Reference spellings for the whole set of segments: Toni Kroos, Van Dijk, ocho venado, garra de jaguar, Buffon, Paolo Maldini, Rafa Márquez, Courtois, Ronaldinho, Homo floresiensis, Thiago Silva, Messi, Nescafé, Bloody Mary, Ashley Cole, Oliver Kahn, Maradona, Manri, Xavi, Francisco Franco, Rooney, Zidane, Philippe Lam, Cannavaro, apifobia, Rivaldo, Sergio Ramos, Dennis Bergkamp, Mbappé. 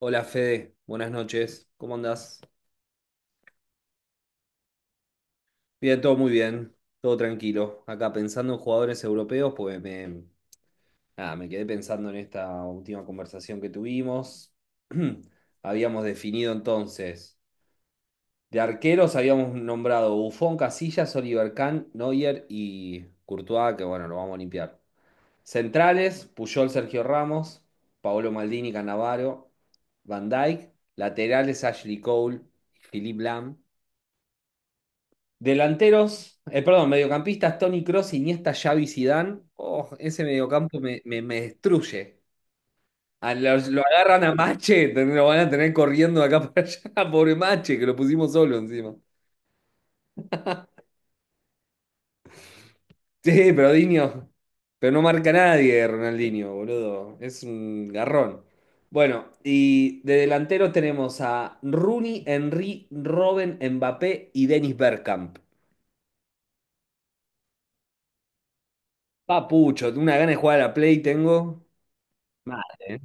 Hola Fede, buenas noches, ¿cómo andás? Bien, todo muy bien, todo tranquilo. Acá pensando en jugadores europeos, pues me, nada, me quedé pensando en esta última conversación que tuvimos. Habíamos definido entonces, de arqueros habíamos nombrado Buffon, Casillas, Oliver Kahn, Neuer y Courtois, que bueno, lo vamos a limpiar. Centrales, Puyol, Sergio Ramos, Paolo Maldini, Cannavaro, Van Dijk. Laterales, Ashley Cole, Philippe Lam. Delanteros, perdón, mediocampistas, Toni Kroos, Iniesta, Xavi, Zidane. Oh, ese mediocampo me destruye. Lo agarran a Mache, lo van a tener corriendo de acá para allá. Pobre Mache, que lo pusimos solo encima. Sí, pero Diño, pero no marca nadie Ronaldinho, boludo. Es un garrón. Bueno, y de delanteros tenemos a Rooney, Henry, Robben, Mbappé y Dennis Bergkamp. Papucho, una gana de jugar a la Play tengo. Mal, ¿eh?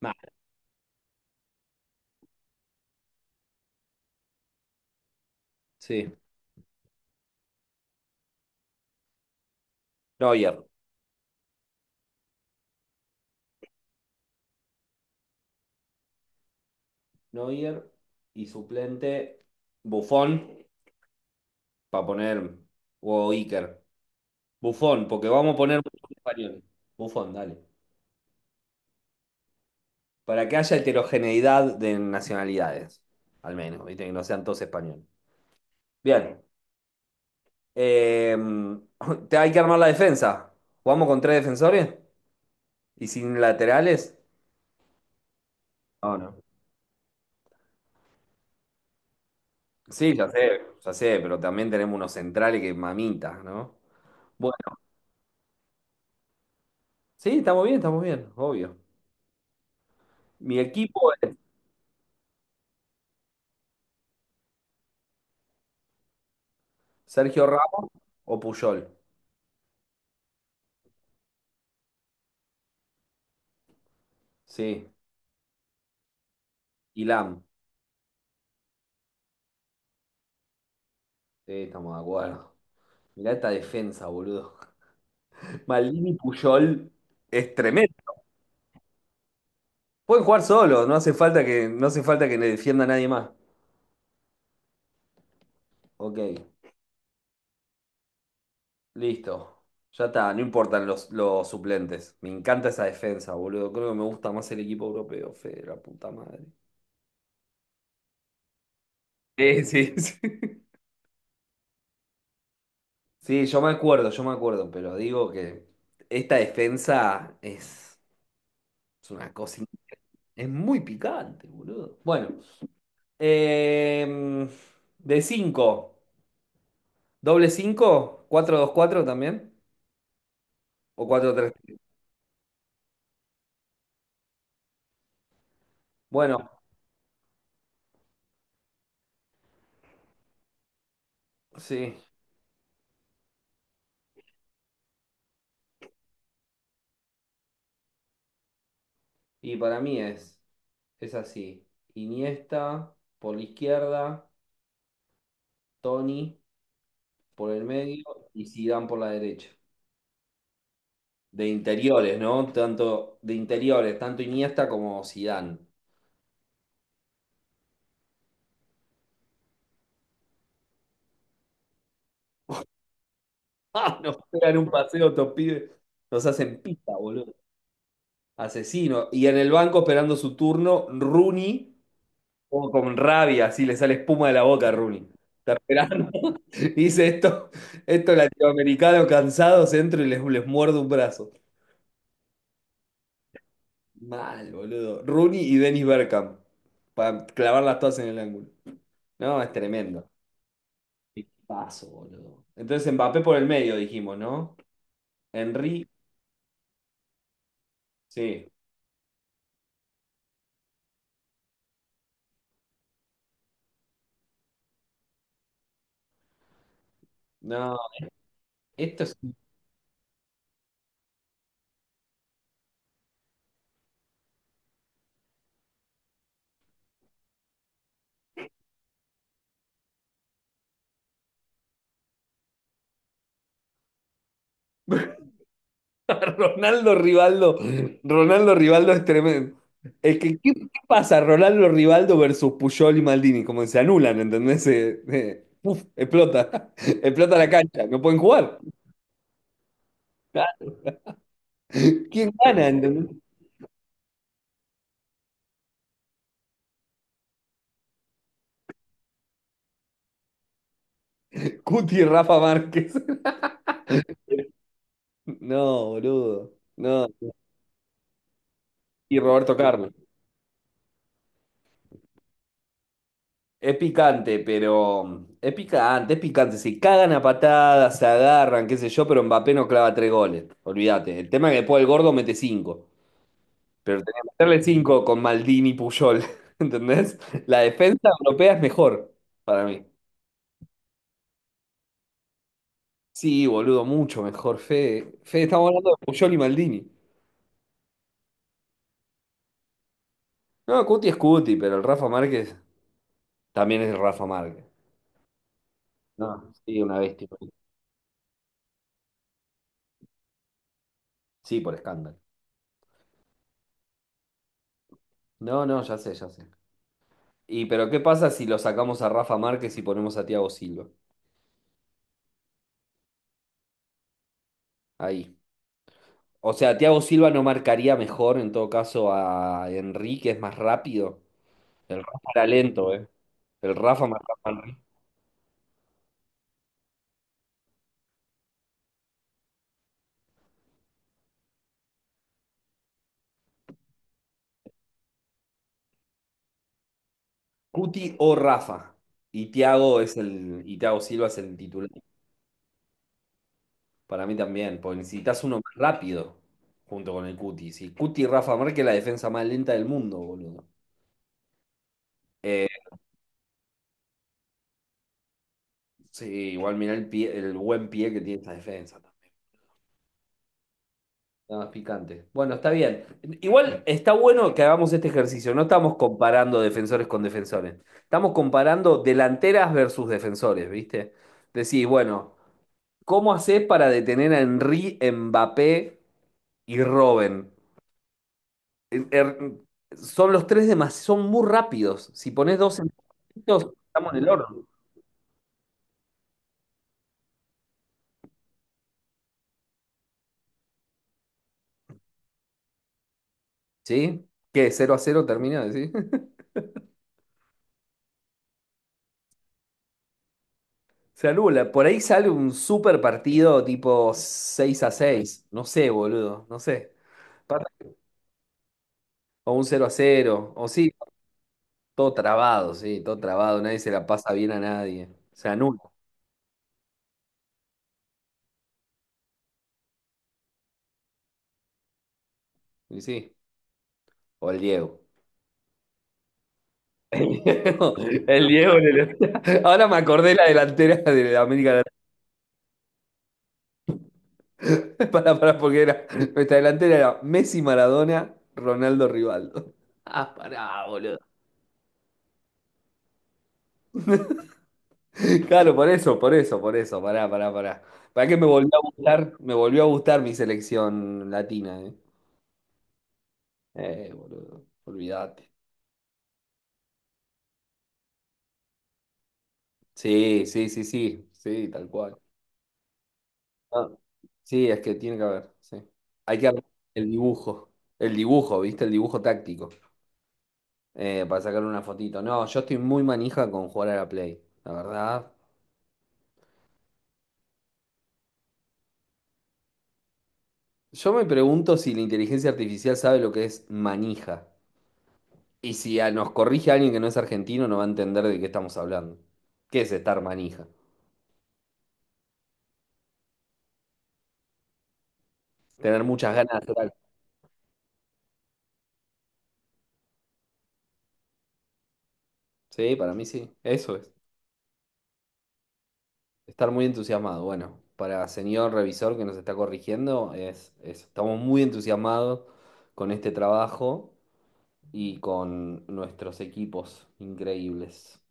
Mal, sí. Neuer. Neuer y suplente Buffon, para poner, o Iker. Buffon, porque vamos a poner mucho en español. Buffon, dale. Para que haya heterogeneidad de nacionalidades, al menos, ¿viste? Que no sean todos españoles. Bien. eh, Te hay que armar la defensa. ¿Jugamos con tres defensores? ¿Y sin laterales? No, no. Sí, ya sé, pero también tenemos unos centrales que mamitas, ¿no? Bueno, sí, estamos bien, obvio. Mi equipo Sergio Ramos o Puyol. Sí. Y Lam. Sí, estamos de acuerdo. Mirá esta defensa, boludo. Maldini y Puyol es tremendo. Pueden jugar solo, no hace falta que le defienda a nadie más. Ok, listo. Ya está, no importan los suplentes. Me encanta esa defensa, boludo. Creo que me gusta más el equipo europeo, Fede, la puta madre. Sí, sí, sí. Sí, yo me acuerdo, pero digo que esta defensa es una cosa. Es muy picante, boludo. Bueno, em, de cinco, doble cinco, cuatro dos cuatro también, o cuatro tres. Bueno, sí, y para mí es, es así. Iniesta por la izquierda, Toni por el medio y Zidane por la derecha. De interiores, ¿no? Tanto de interiores, tanto Iniesta como Zidane. Ah, nos pegan un paseo, estos pibes. Nos hacen pita, boludo. Asesino. Y en el banco esperando su turno, Rooney, como con rabia, así le sale espuma de la boca a Rooney. Está esperando. Dice esto, estos latinoamericanos cansados, entro y les muerdo un brazo. Mal, boludo. Rooney y Dennis Bergkamp. Para clavarlas todas en el ángulo. No, es tremendo. Paso, boludo. Entonces Mbappé por el medio, dijimos, ¿no? Henry, sí. No, esto es. Ronaldo Rivaldo, Ronaldo Rivaldo es tremendo. Es que, ¿qué pasa? Ronaldo Rivaldo versus Puyol y Maldini, como se anulan, ¿entendés? Uf, explota, explota la cancha, no pueden jugar. ¿Quién gana, entendés? Cuti y Rafa Márquez. No, boludo, no. Y Roberto Carlos. Es picante, pero es picante, es picante. Se cagan a patadas, se agarran, qué sé yo, pero Mbappé no clava tres goles. Olvídate. El tema es que después el gordo mete cinco. Pero tenía que meterle 5 con Maldini, y Puyol, ¿entendés? La defensa europea es mejor para mí. Sí, boludo, mucho mejor, Fede. Fede, estamos hablando de Puyol y Maldini. No, Cuti es Cuti, pero el Rafa Márquez también es Rafa Márquez. No, sí, una bestia. Sí, por escándalo. No, no, ya sé, ya sé. Y pero ¿qué pasa si lo sacamos a Rafa Márquez y ponemos a Thiago Silva? Ahí. O sea, Thiago Silva no marcaría mejor, en todo caso, a Enrique, es más rápido. El Rafa era lento, eh. El Rafa marca a Manri. Cuti o Rafa. Y Thiago Silva es el titular. Para mí también, porque necesitas uno más rápido junto con el Cuti. Si Cuti y Rafa Márquez es la defensa más lenta del mundo, boludo. Eh, sí, igual mirá el buen pie que tiene esa defensa también. Nada más picante. Bueno, está bien. Igual está bueno que hagamos este ejercicio. No estamos comparando defensores con defensores. Estamos comparando delanteras versus defensores, ¿viste? Decís, bueno, ¿cómo hace para detener a Henry, Mbappé y Robben? Eh, eh, Son los tres demás, son muy rápidos. Si pones dos en estamos en el horno. ¿Sí? ¿Qué? ¿Cero a cero termina? ¿Sí? Se anula. Por ahí sale un super partido tipo 6 a seis. No sé, boludo. No sé. Pasa- O un cero a cero. O sí, todo trabado, sí, todo trabado. Nadie se la pasa bien a nadie. Se anula. Y sí. O el Diego. El Diego. Ahora me acordé la delantera de la América Latina. Para, porque era. Nuestra delantera era Messi, Maradona, Ronaldo, Rivaldo. Ah, pará, boludo. Claro, por eso, por eso, por eso. Pará, pará, pará. ¿Para qué me volvió a gustar? Me volvió a gustar mi selección latina, ¿eh? Boludo. Olvídate. Sí, sí, sí, sí. Sí, tal cual. Ah, sí, es que tiene que haber. Sí. Hay que armar el dibujo. El dibujo, ¿viste? El dibujo táctico. Para sacarle una fotito. No, yo estoy muy manija con jugar a la Play, la verdad. Yo me pregunto si la inteligencia artificial sabe lo que es manija. Y si a- nos corrige alguien que no es argentino, no va a entender de qué estamos hablando. ¿Qué es estar manija? Tener muchas ganas de hacer algo. Sí, para mí sí. Eso es. Estar muy entusiasmado. Bueno, para señor revisor que nos está corrigiendo, estamos muy entusiasmados con este trabajo y con nuestros equipos increíbles.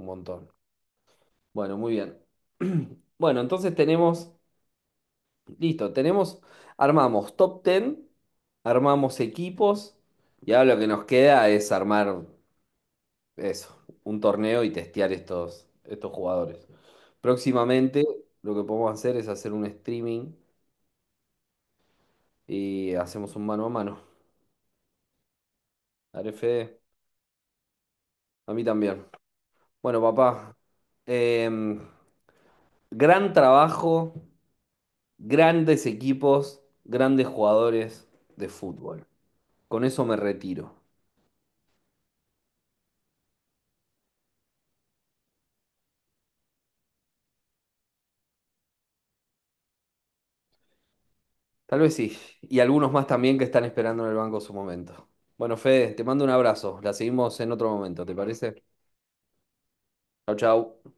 Un montón. Bueno, muy bien. Bueno, tenemos, armamos top 10, armamos equipos y ahora lo que nos queda es armar eso, un torneo y testear estos jugadores. Próximamente lo que podemos hacer es hacer un streaming y hacemos un mano a mano. Dale, Fede, a mí también. Bueno, papá, em, gran trabajo, grandes equipos, grandes jugadores de fútbol. Con eso me retiro. Tal vez sí. Y algunos más también que están esperando en el banco su momento. Bueno, Fede, te mando un abrazo. La seguimos en otro momento, ¿te parece? Chau, chau.